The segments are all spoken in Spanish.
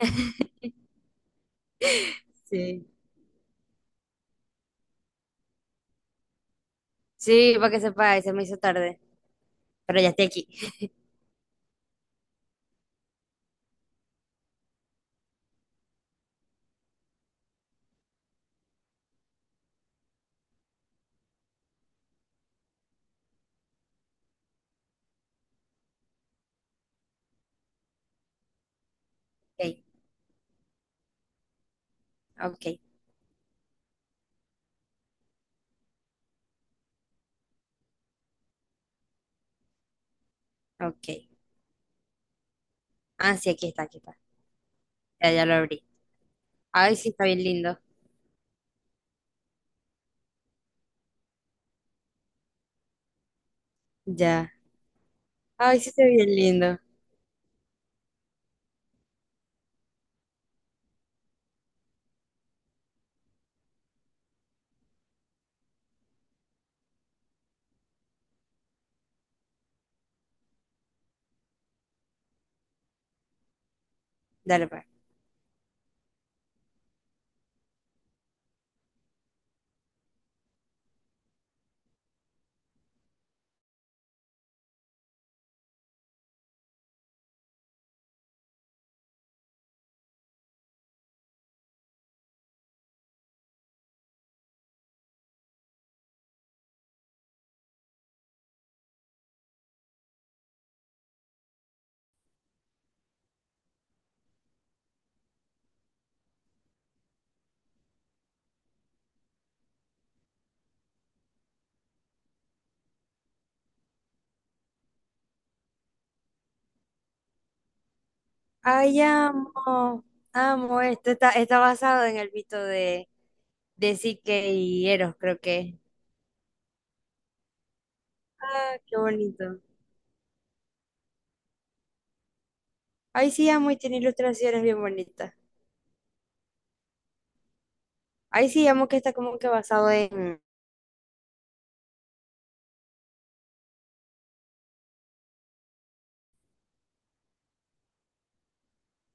Sí. Sí, para que sepa, se me hizo tarde, pero ya estoy aquí. Ok, ok, ok. Ah, sí, aquí está, aquí está. Ya, ya lo abrí. Ay, sí, está bien lindo. Ya. Ay, sí, está bien lindo. Dale, pues. Ay, amo, amo. Esto está basado en el mito de Psique y Eros, creo que es. Ah, qué bonito. Ay, sí, amo y tiene ilustraciones bien bonitas. Ay, sí, amo que está como que basado en...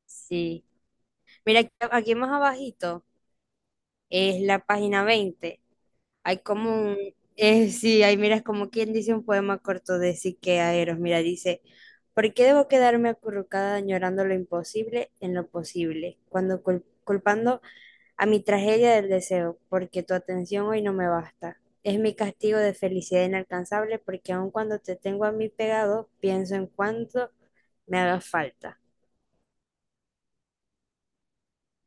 Sí. Mira, aquí, aquí más abajito. Es la página 20. Hay como un, sí, ahí miras como quien dice un poema corto de Sique Aeros. Mira, dice, ¿por qué debo quedarme acurrucada añorando lo imposible en lo posible? Cuando culpando a mi tragedia del deseo, porque tu atención hoy no me basta. Es mi castigo de felicidad inalcanzable, porque aun cuando te tengo a mí pegado, pienso en cuánto me haga falta.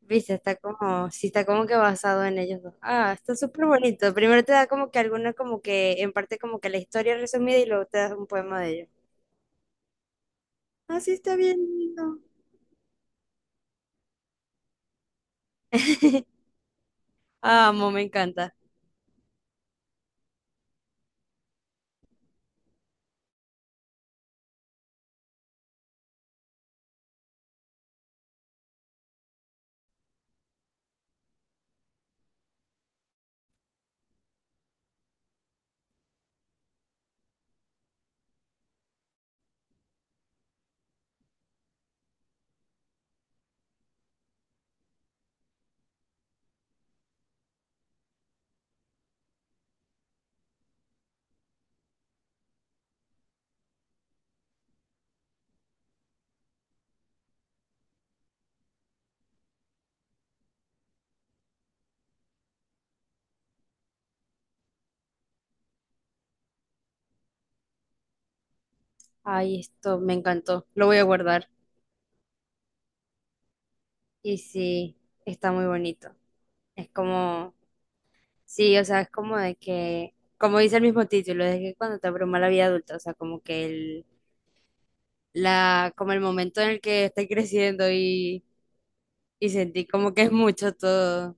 Viste, está como, sí, está como que basado en ellos dos. Ah, está súper bonito. Primero te da como que alguna, como que, en parte como que la historia resumida y luego te das un poema de ellos. Ah, sí, está bien lindo. Amo, me encanta. Ay, esto me encantó. Lo voy a guardar. Y sí, está muy bonito. Es como, sí, o sea, es como de que, como dice el mismo título, es que cuando te abruma la vida adulta, o sea, como que el, la, como el momento en el que estoy creciendo y sentí como que es mucho todo.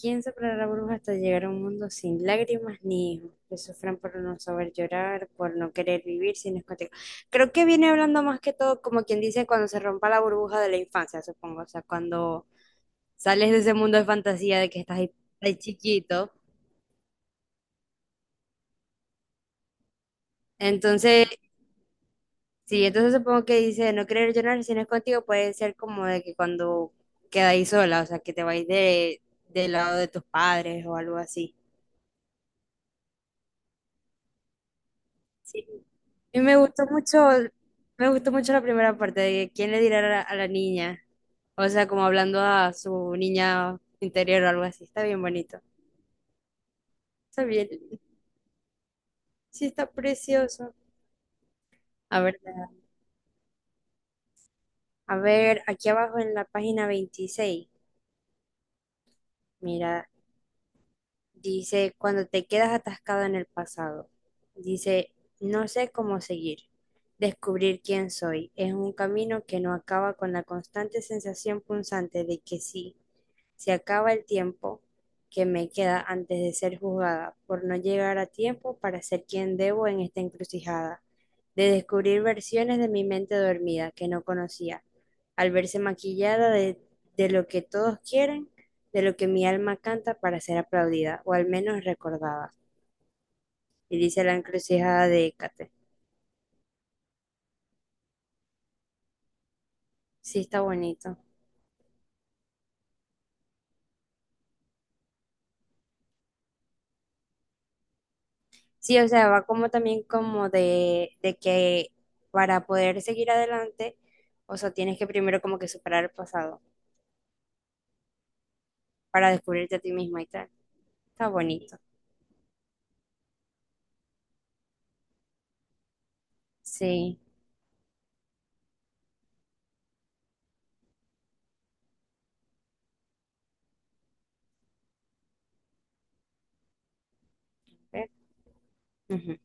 ¿Quién soplará bruja hasta llegar a un mundo sin lágrimas ni hijos? Que sufran por no saber llorar, por no querer vivir sin escoteo. Creo que viene hablando más que todo como quien dice cuando se rompa la burbuja de la infancia, supongo. O sea, cuando sales de ese mundo de fantasía de que estás ahí, ahí chiquito. Entonces, sí, entonces supongo que dice no querer llorar si no es contigo puede ser como de que cuando quedáis sola, o sea, que te vais del lado de tus padres o algo así. Sí. Y me gustó mucho la primera parte de quién le dirá a la niña. O sea, como hablando a su niña interior o algo así. Está bien bonito. Está bien. Sí, está precioso. A ver, a ver, aquí abajo en la página 26, mira, dice, cuando te quedas atascado en el pasado, dice, no sé cómo seguir. Descubrir quién soy es un camino que no acaba con la constante sensación punzante de que sí. Se acaba el tiempo que me queda antes de ser juzgada por no llegar a tiempo para ser quien debo en esta encrucijada, de descubrir versiones de mi mente dormida que no conocía, al verse maquillada de lo que todos quieren, de lo que mi alma canta para ser aplaudida o al menos recordada. Y dice la encrucijada de Hécate. Sí, está bonito. Sí, o sea, va como también como de que para poder seguir adelante, o sea, tienes que primero como que superar el pasado para descubrirte a ti misma y tal. Está bonito. Sí. ¿Ve? Ujú.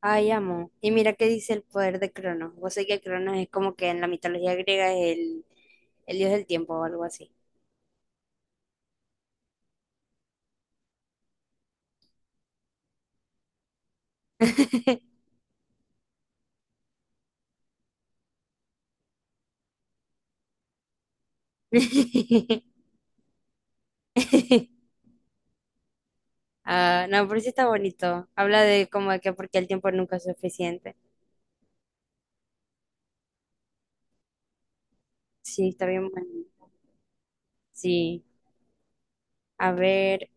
Ay, amo. Y mira qué dice el poder de Cronos. Vos sé que Cronos es como que en la mitología griega es el dios del tiempo o algo así. Ah, no, pero sí está bonito. Habla de como de que porque el tiempo nunca es suficiente. Sí, está bien bueno. Sí. A ver.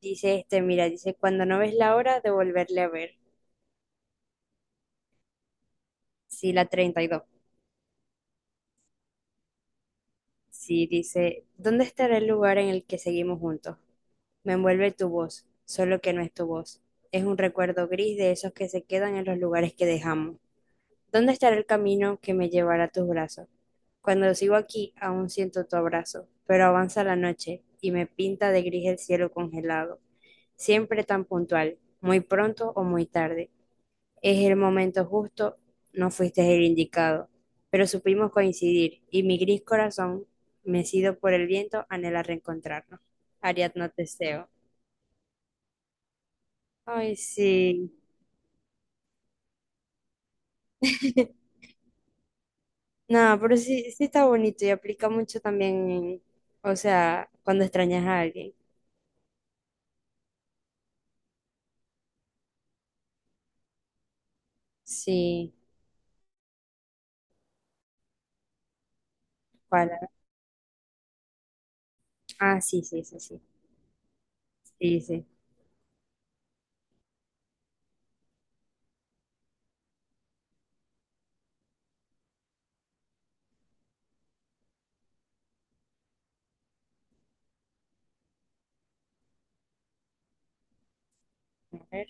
Dice este, mira, dice, cuando no ves la hora de volverle a ver. Sí, la 32. Sí, dice, ¿dónde estará el lugar en el que seguimos juntos? Me envuelve tu voz, solo que no es tu voz. Es un recuerdo gris de esos que se quedan en los lugares que dejamos. ¿Dónde estará el camino que me llevará a tus brazos? Cuando sigo aquí, aún siento tu abrazo, pero avanza la noche y me pinta de gris el cielo congelado, siempre tan puntual, muy pronto o muy tarde. Es el momento justo, no fuiste el indicado, pero supimos coincidir y mi gris corazón, mecido por el viento, anhela reencontrarnos. Ariadno Teseo. Ay, sí. No, pero sí, sí está bonito y aplica mucho también, o sea, cuando extrañas a alguien. Sí, para. Ah, sí, sí, sí, sí. Sí, sí. A ver.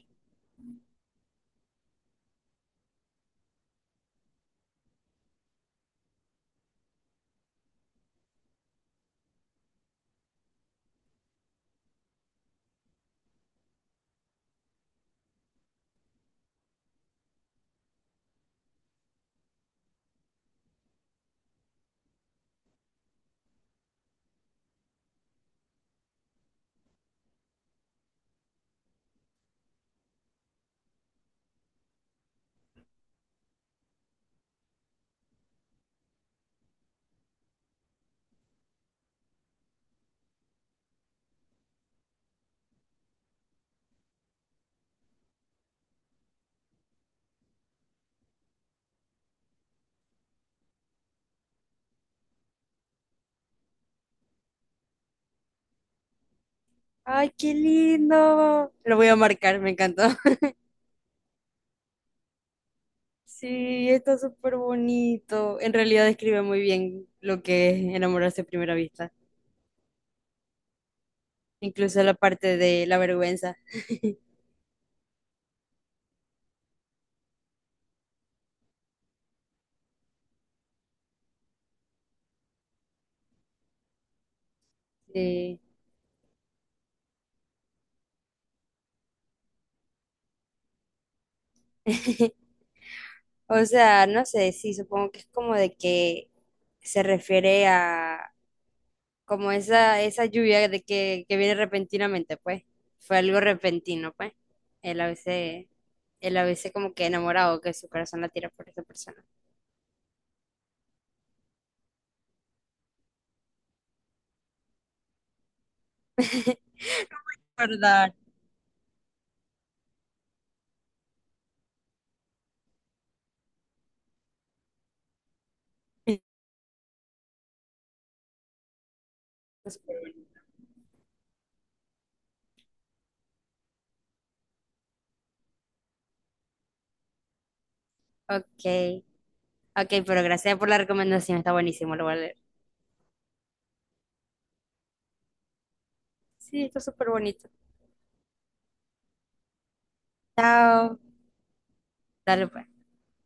Ay, qué lindo. Lo voy a marcar, me encantó. Sí, está súper bonito. En realidad describe muy bien lo que es enamorarse a primera vista, incluso la parte de la vergüenza. Sí. O sea, no sé, sí, supongo que es como de que se refiere a como esa lluvia de que viene repentinamente, pues. Fue algo repentino, pues. Él a veces, él a veces como que enamorado, que su corazón la tira por esa persona. ¿Verdad? Súper bonito. Ok. Ok, pero gracias por la recomendación, está buenísimo, lo voy a leer. Sí, está súper bonito. Chao, dale pues.